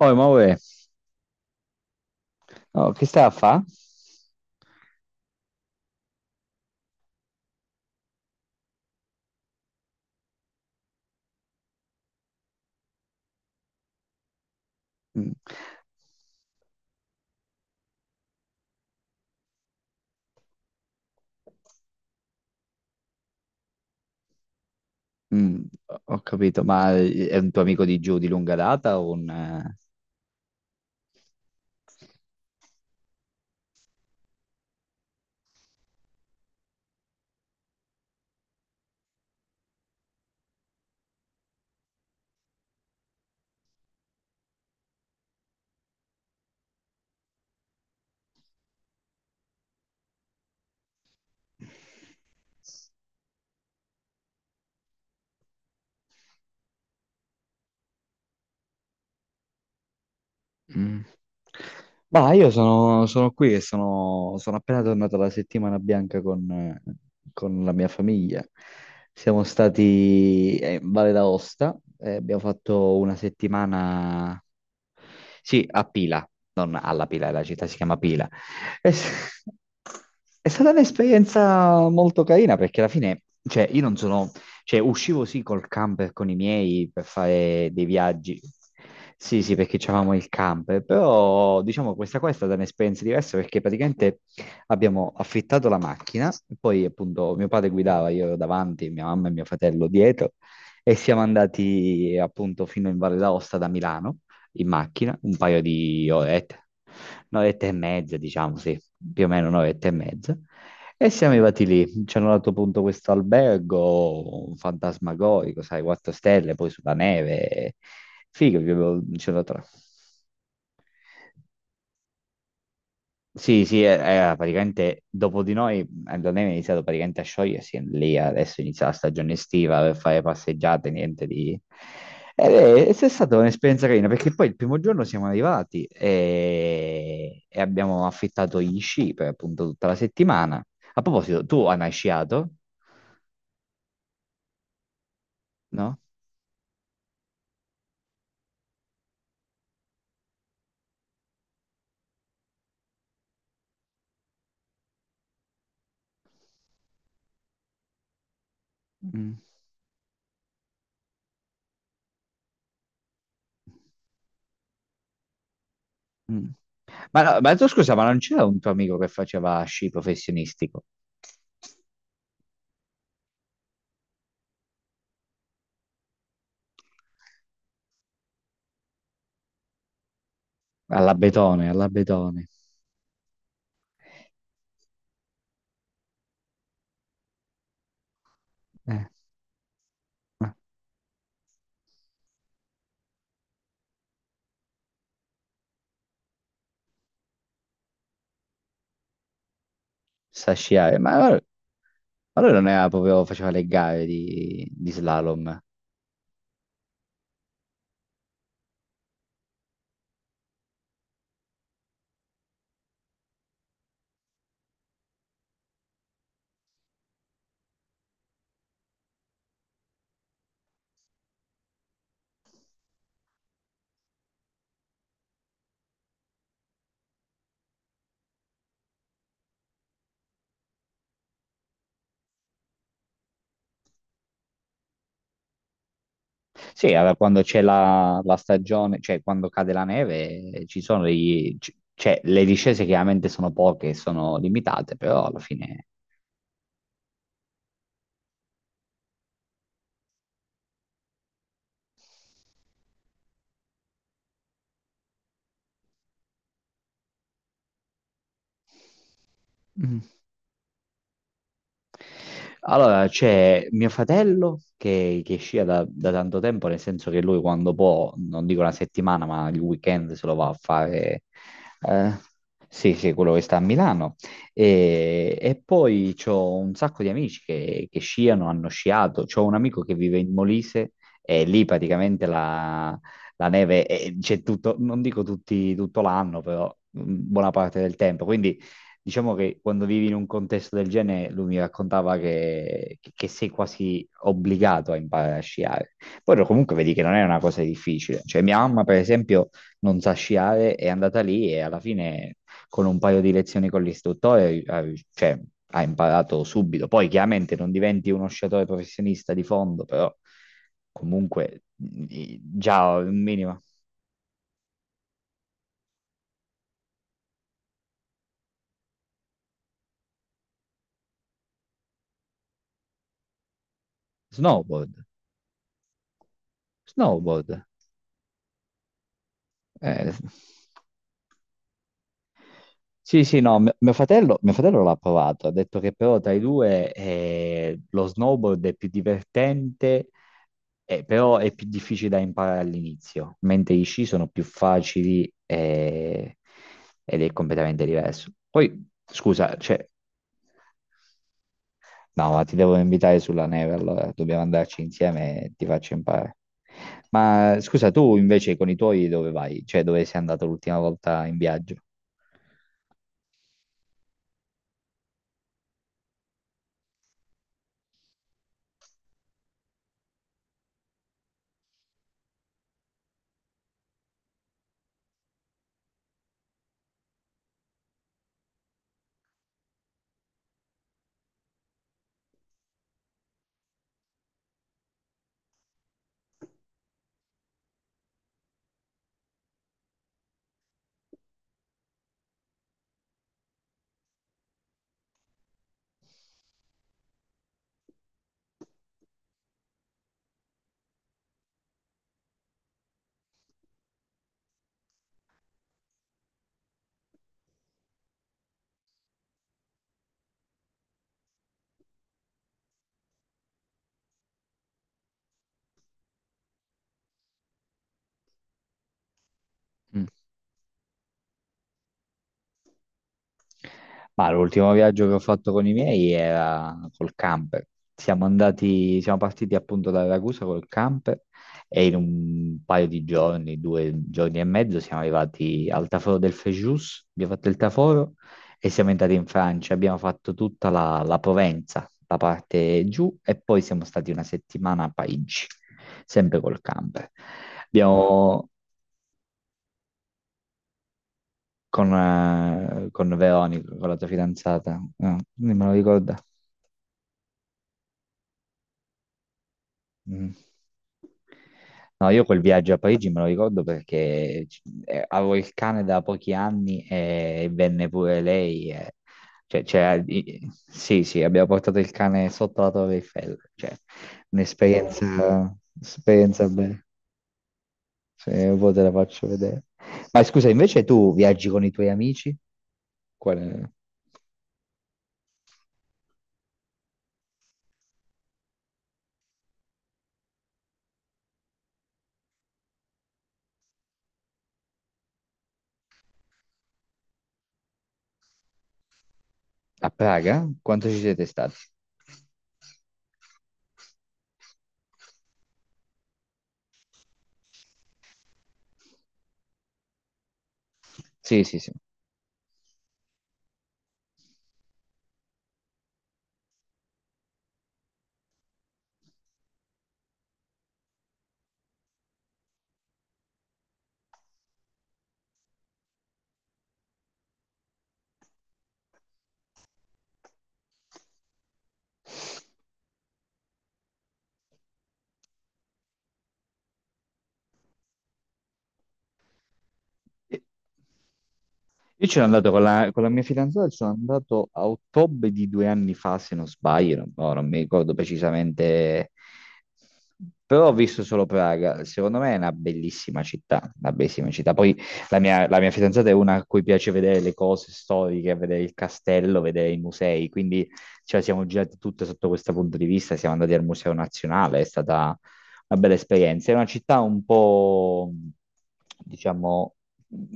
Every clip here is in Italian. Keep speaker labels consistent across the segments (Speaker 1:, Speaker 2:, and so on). Speaker 1: Oh, ma uè, oh, che stai a fa? Mm, mm, ho capito, ma è un tuo amico di giù di lunga data o un, mm. Ma io sono qui e sono appena tornato la settimana bianca con la mia famiglia. Siamo stati in Valle d'Aosta e abbiamo fatto una settimana, sì, a Pila, non alla Pila, la città si chiama Pila. È, s- è stata un'esperienza molto carina perché alla fine, cioè, io non sono, cioè, uscivo sì col camper con i miei per fare dei viaggi. Sì, sì, perché c'avevamo il camper, però diciamo questa qua è stata un'esperienza diversa perché praticamente abbiamo affittato la macchina, poi appunto mio padre guidava, io ero davanti, mia mamma e mio fratello dietro e siamo andati appunto fino in Valle d'Aosta da Milano in macchina, un paio di orette, un'oretta e mezza, diciamo, sì, più o meno un'oretta e mezza. E siamo arrivati lì, ci hanno dato appunto questo albergo fantasmagorico, sai, 4 stelle, poi sulla neve, figo, ci hanno dato... Sì, sì, era praticamente dopo di noi, Andronema è iniziato praticamente a sciogliersi, e lì adesso inizia la stagione estiva per fare passeggiate, niente di... è stata un'esperienza carina, perché poi il primo giorno siamo arrivati e abbiamo affittato gli sci per appunto tutta la settimana. A proposito, tu hai mai sciato? No? Mm, mm. Ma no, ma tu scusa, ma non c'era un tuo amico che faceva sci professionistico? Alla Betone, alla Betone. Eh. Sa sciare, ma allora, allora non era proprio, faceva le gare di slalom. Sì, allora quando c'è la stagione, cioè quando cade la neve, ci sono degli, cioè, le discese chiaramente sono poche, sono limitate, però alla fine mm. Allora, c'è mio fratello che scia da, da tanto tempo, nel senso che lui quando può, non dico una settimana, ma il weekend se lo va a fare. Eh, sì, sì, quello che sta a Milano. E poi c'ho un sacco di amici che sciano, hanno sciato. C'ho un amico che vive in Molise e lì praticamente la c'è tutto, non dico tutti, tutto l'anno, però buona parte del tempo. Quindi diciamo che quando vivi in un contesto del genere, lui mi raccontava che sei quasi obbligato a imparare a sciare. Poi comunque vedi che non è una cosa difficile. Cioè, mia mamma, per esempio, non sa sciare, è andata lì e alla fine, con un paio di lezioni con l'istruttore, ha, cioè, ha imparato subito. Poi chiaramente non diventi uno sciatore professionista di fondo, però comunque già un minimo. Snowboard, snowboard. Eh, Sì, sì, no, mio fratello l'ha provato, ha detto che però tra i due lo snowboard è più divertente, però è più difficile da imparare all'inizio, mentre i sci sono più facili ed è completamente diverso. Poi, scusa, cioè, no, ma ti devo invitare sulla neve, allora dobbiamo andarci insieme e ti faccio imparare. Ma scusa, tu invece con i tuoi dove vai? Cioè, dove sei andato l'ultima volta in viaggio? Ma l'ultimo viaggio che ho fatto con i miei era col camper. Siamo andati, siamo partiti appunto da Ragusa col camper e in un paio di giorni, due giorni e mezzo, siamo arrivati al Taforo del Frejus, abbiamo fatto il Taforo e siamo entrati in Francia. Abbiamo fatto tutta la Provenza, la parte giù e poi siamo stati una settimana a Parigi, sempre col camper. Abbiamo con Veronica, con la tua fidanzata, no, non me lo ricorda. Mm. No, io quel viaggio a Parigi me lo ricordo perché avevo il cane da pochi anni e venne pure lei. Cioè, sì, sì, abbiamo portato il cane sotto la Torre Eiffel. Cioè, un'esperienza, esperienza bella. Se un po' te la faccio vedere. Ma scusa, invece tu viaggi con i tuoi amici? Qual-? A Praga? Quanto ci siete stati? Sì, sì, sì. Io ci sono andato con con la mia fidanzata, ci sono andato a ottobre di due anni fa, se non sbaglio, non, no, non mi ricordo precisamente, però ho visto solo Praga, secondo me è una bellissima città, una bellissima città. Poi la mia fidanzata è una a cui piace vedere le cose storiche, vedere il castello, vedere i musei, quindi ce la siamo girati tutte sotto questo punto di vista, siamo andati al Museo Nazionale, è stata una bella esperienza. È una città un po', diciamo,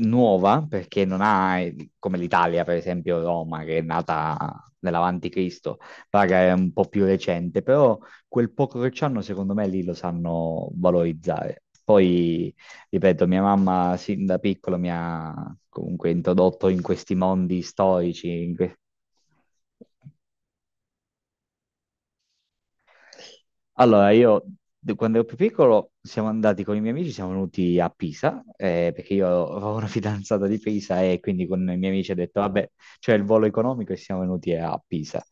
Speaker 1: nuova perché non ha, come l'Italia, per esempio Roma, che è nata nell'avanti Cristo, Praga è un po' più recente, però quel poco che c'hanno, secondo me, lì lo sanno valorizzare. Poi, ripeto, mia mamma sin da piccolo mi ha comunque introdotto in questi mondi storici, in que-. Allora, io quando ero più piccolo siamo andati con i miei amici, siamo venuti a Pisa, perché io avevo una fidanzata di Pisa e quindi con i miei amici ho detto, vabbè, c'è il volo economico e siamo venuti a Pisa.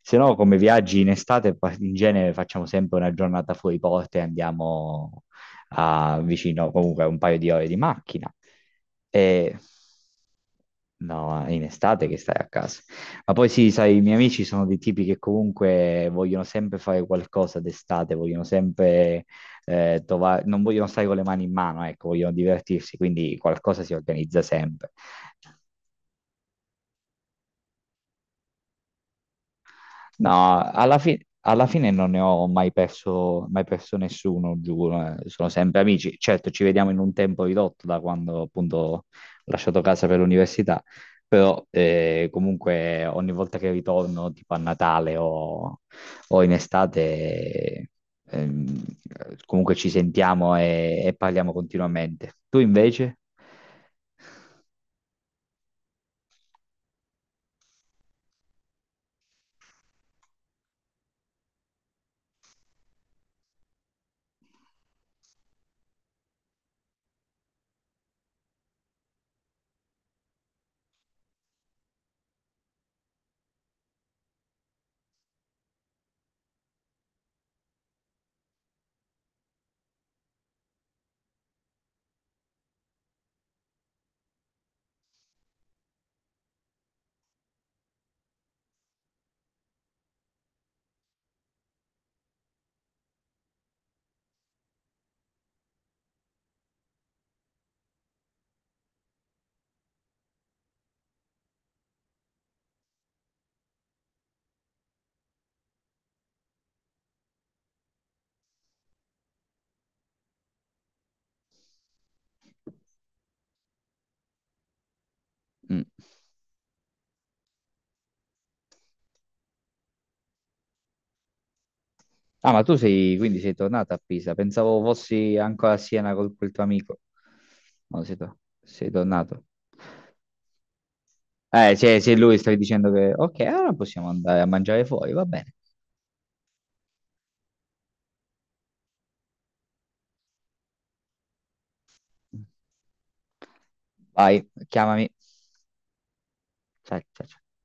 Speaker 1: Se no, come viaggi in estate, in genere facciamo sempre una giornata fuori porta e andiamo a vicino, comunque un paio di ore di macchina. E... No, in estate che stai a casa. Ma poi sì, sai, i miei amici sono dei tipi che comunque vogliono sempre fare qualcosa d'estate, vogliono sempre trovare, non vogliono stare con le mani in mano, ecco, vogliono divertirsi, quindi qualcosa si organizza sempre. No, alla fine non ne ho mai perso, mai perso nessuno, giuro. Eh. Sono sempre amici. Certo, ci vediamo in un tempo ridotto da quando appunto ho lasciato casa per l'università, però comunque ogni volta che ritorno, tipo a Natale o in estate, ehm, comunque ci sentiamo e parliamo continuamente. Tu invece? Mm. Ah, ma tu sei, quindi sei tornata a Pisa. Pensavo fossi ancora a Siena col quel tuo amico. No, sei, sei tornato. Se lui stai dicendo che, ok, allora possiamo andare a mangiare fuori, va bene. Vai, chiamami. Ciao, ciao, ciao.